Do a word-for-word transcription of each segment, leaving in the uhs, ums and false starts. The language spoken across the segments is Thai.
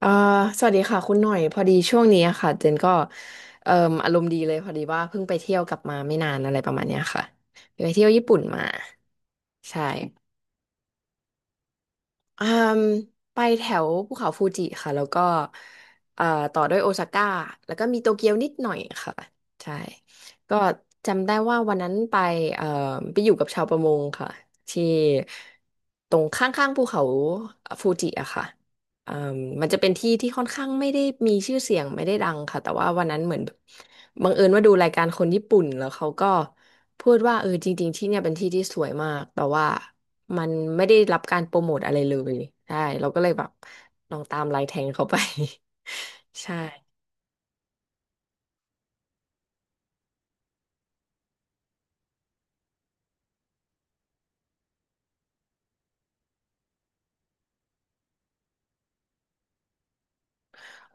อ่าสวัสดีค่ะคุณหน่อยพอดีช่วงนี้อะค่ะเจนก็เอ่มอารมณ์ดีเลยพอดีว่าเพิ่งไปเที่ยวกลับมาไม่นานอะไรประมาณเนี้ยค่ะไปเที่ยวญี่ปุ่นมาใช่ อืมไปแถวภูเขาฟูจิค่ะแล้วก็เอ่อต่อด้วยโอซาก้าแล้วก็มีโตเกียวนิดหน่อยค่ะใช่ก็จำได้ว่าวันนั้นไปเอ่อไปอยู่กับชาวประมงค่ะที่ตรงข้างๆภูเขาฟูจิอะค่ะอืมมันจะเป็นที่ที่ค่อนข้างไม่ได้มีชื่อเสียงไม่ได้ดังค่ะแต่ว่าวันนั้นเหมือนบบังเอิญว่าดูรายการคนญี่ปุ่นแล้วเขาก็พูดว่าเออจริงๆที่เนี่ยเป็นที่ที่สวยมากแต่ว่า มันไม่ได้รับการโปรโมทอะไรเลยใช่เราก็เลยแบบลองตามไลน์แทงเขาไป ใช่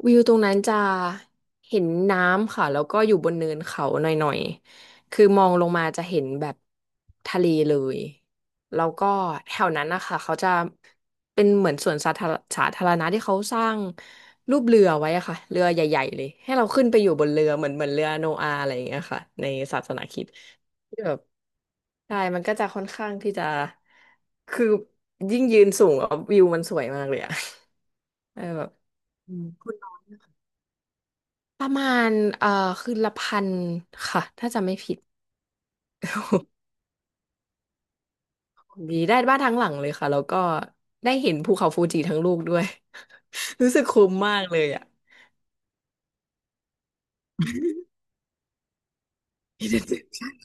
วิวตรงนั้นจะเห็นน้ำค่ะแล้วก็อยู่บนเนินเขาหน่อยๆคือมองลงมาจะเห็นแบบทะเลเลยแล้วก็แถวนั้นนะคะเขาจะเป็นเหมือนสวนสาธารสาธารณะที่เขาสร้างรูปเรือไว้อะค่ะเรือใหญ่ๆเลยให้เราขึ้นไปอยู่บนเรือเหมือนเหมือนเรือโนอาห์อะไรอย่างเงี้ยค่ะในศาสนาคริสต์ที่แบบ ใช่มันก็จะค่อนข้างที่จะคือยิ่งยืนสูงแล้ววิวมันสวยมากเลยอะ เออแบบอืมประมาณเอ่อคืนละพันค่ะถ้าจำไม่ผิด ดีได้บ้านทั้งหลังเลยค่ะแล้วก็ได้เห็นภูเขาฟูจิทั้งลูกด้วย รู้สึกคุ้มมากเลยอะ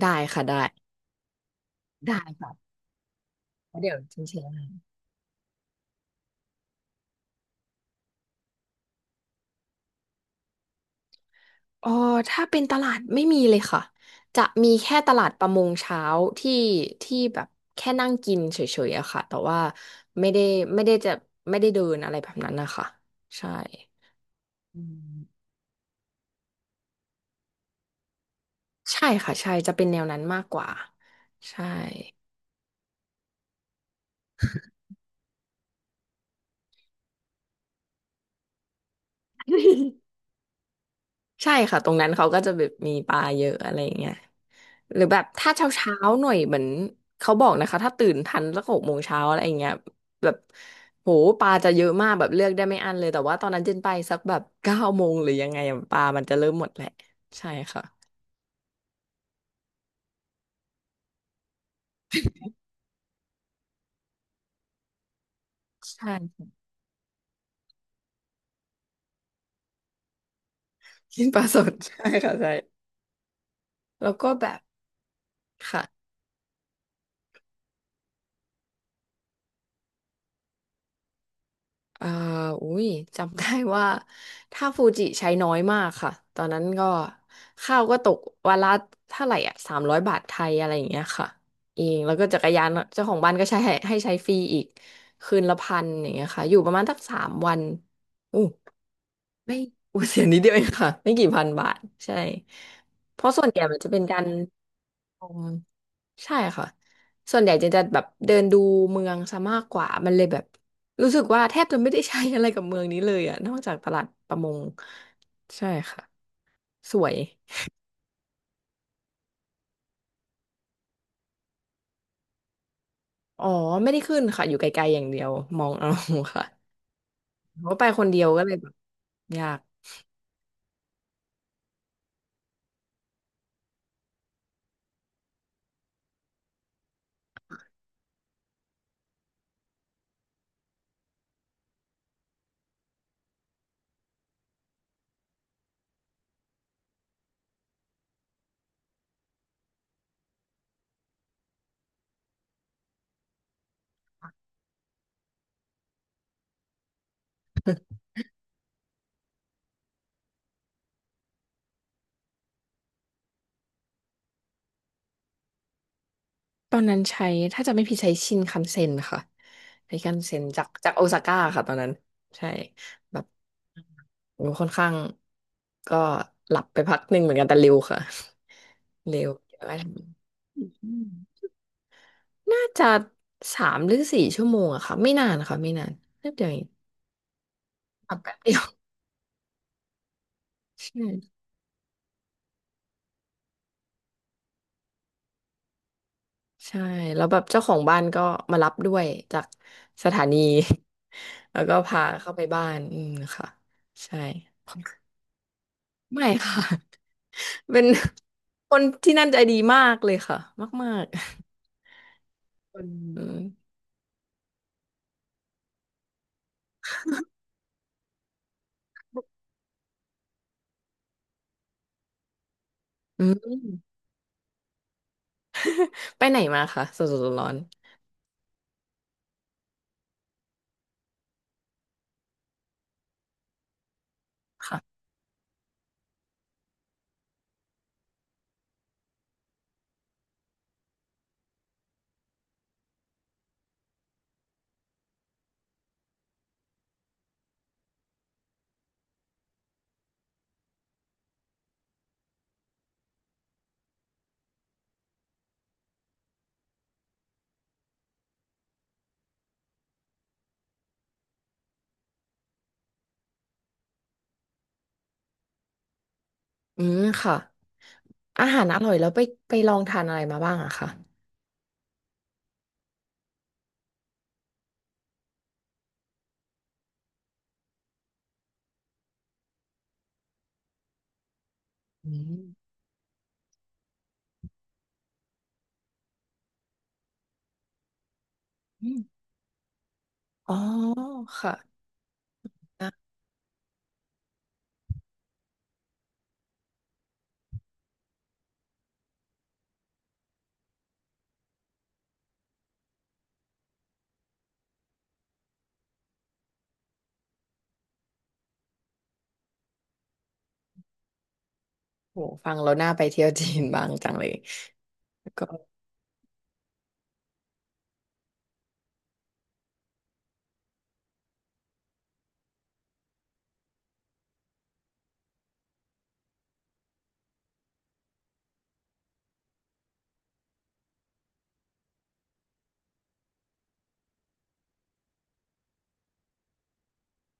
ได้ค่ะได้ได้เพราะเดี๋ยวจริงๆ เออถ้าเป็นตลาดไม่มีเลยค่ะจะมีแค่ตลาดประมงเช้าที่ที่แบบแค่นั่งกินเฉยๆอะค่ะแต่ว่าไม่ได้ไม่ได้จะไม่ได้เดินอะไรแบบนั้นนะคะใช่อืมใช่ค่ะใช่จะเป็นแนวนั้นมากกว่าใช่ใช่ค่ะตรงนั้นเขาก็จะแบบมีปลาเยอะอะไรอย่างเงี้ย หรือแบบถ้าเช้าเช้าหน่อยเหมือนเขาบอกนะคะถ้าตื่นทันสักหกโมงเช้าอะไรอย่างเงี้ยแบบโหปลาจะเยอะมากแบบเลือกได้ไม่อั้นเลยแต่ว่าตอนนั้นเจนไปสักแบบ เก้าโมงหรือยังไงอะปลามันจะเริ่มหมดแหละใช่ค่ะใช่ค่ะกินปลาสด ใช่ค่ะใช่แล้วก็แบบค่ะ เอ่า อุ้ยจำได้ว่าถ้าฟูจิใช้น้อยมากค่ะ ตอนนั้นก็ข้าวก็ตกวันละเท่าไหร่อ่ะสามร้อยบาทไทยอะไรอย่างเงี้ยค่ะเองแล้วก็จักรยานเจ้าของบ้านก็ใช้ให้ให้ใช้ฟรีอีกคืนละพันอย่างเงี้ยค่ะ อยู่ประมาณสักสามวันอู้ ไม่ โอ้เสียนิดเดียวเองค่ะไม่กี่พันบาทใช่เพราะส่วนใหญ่มันจะเป็นการชมใช่ค่ะส่วนใหญ่จะจะแบบเดินดูเมืองซะมากกว่ามันเลยแบบรู้สึกว่าแทบจะไม่ได้ใช้อะไรกับเมืองนี้เลยอะนอกจากตลาดประมงใช่ค่ะสวยอ๋อไม่ได้ขึ้นค่ะอยู่ไกลๆอย่างเดียวมองเอา ค่ะเพราะไปคนเดียวก็เลยแบบยาก ตอนนั้นใช้ถ้าจะไม่ผิดใช้ชินคันเซ็นค่ะใช้คันเซ็นจากจากโอซาก้าค่ะตอนนั้นใช่แบบโอ้ค่อนข้างก็หลับไปพักหนึ่งเหมือนกันแต่เร็วค่ะ เร็วเดี๋ยวว่าทำอืมน่าจะสามหรือสี่ชั่วโมงอะค่ะไม่นานค่ะไม่นานแป๊บเดียวเองขับแป๊บเดียว ใช่ใช่แล้วแบบเจ้าของบ้านก็มารับด้วยจากสถานี แล้วก็พาเข้าไปบ้านอืมค่ะใช่ ไม่ค่ะ เป็น คนที่นั่นใจดีมากเลยค่ะมากๆคนอืมไปไหนมาคะสดๆร้อนๆค่ะอืมค่ะอาหารอร่อยแล้วไปไปลองทานอะไรมาบ้างอะคะอืมอืมอ๋อค่ะนะโหฟังแล้วน่าไปเที่ยวจีนบ้างจังเลยแล้วก็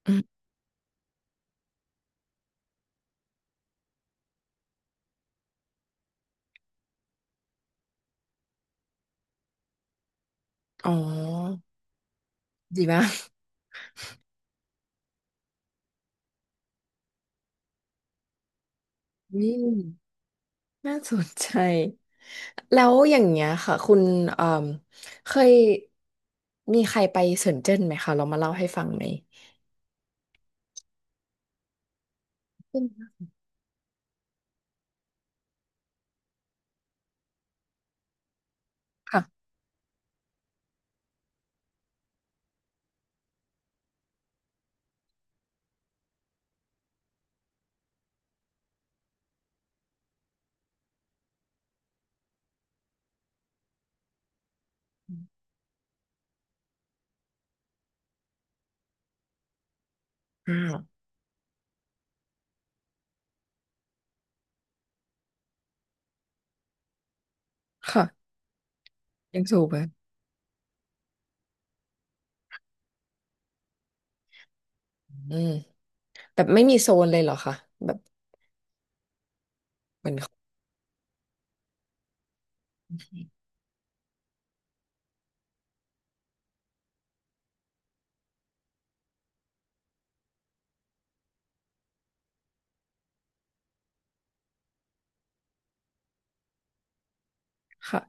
อืมอ๋อดีมากอืม น่าสนใจแล้วอย่างเงี้ยค่ะคุณเอ่มเคยมีใครไปเซินเจิ้นไหมคะเรามาเล่าให้ฟังไหมเป็นนะค่ะอ่าค่ะยังสูบเลยอืมแบบไม่มีโซนเลยเหรอคะแบบเหมือนค่ะ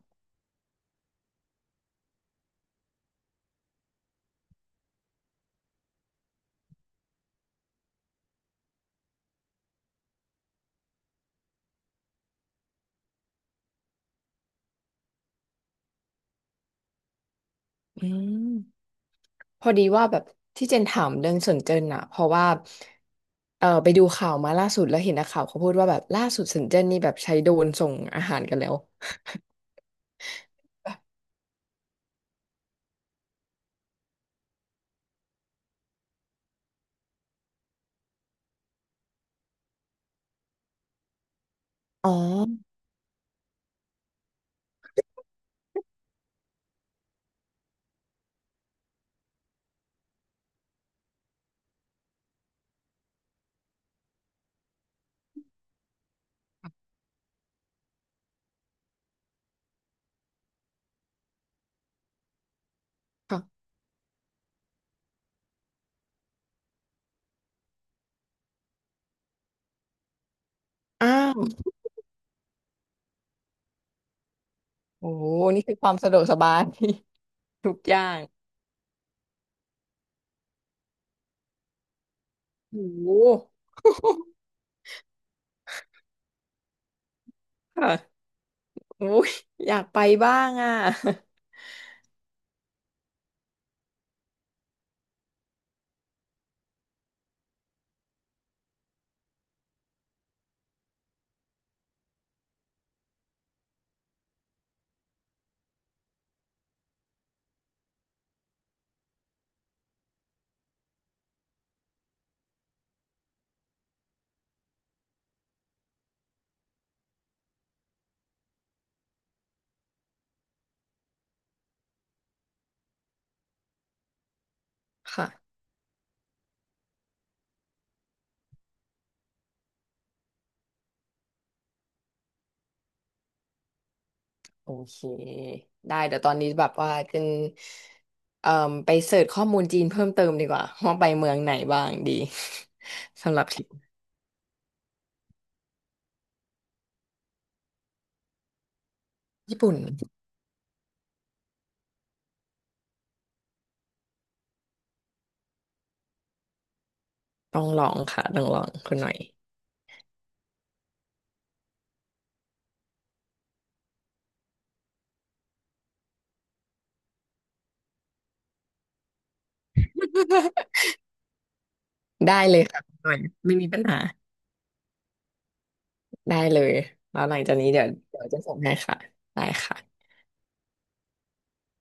อืมพอดีว่าแบบที่เจนถามเรื่องเซินเจิ้นอะเพราะว่าเออไปดูข่าวมาล่าสุดแล้วเห็นนักข่าวเขาพูดว่าแบบล่าสุดเซินเจิ้นนี่แบบใช้โดรนส่งอาหารกันแล้วอ๋อค่ะอ้าว โอ้โหนี่คือความสะดวกสบาย ททุกอย่างโอ้โหค่ะโอ้ยอยากไปบ้างอ่ะค่ะโอเคได้เดี๋ยวตอนนี้แบบว่าเป็นเอ่อไปเสิร์ชข้อมูลจีนเพิ่มเติมดีกว่าว่าไปเมืองไหนบ้างดี สำหรับทริปญี่ปุ่นต้องลองค่ะต้องลองคุณหน่อยได้เลยค่ะคุณหน่อยไม่มีปัญหาได้เลยแล้วหลังจากนี้เดี๋ยวเดี๋ยวจะส่งให้ค่ะได้ค่ะ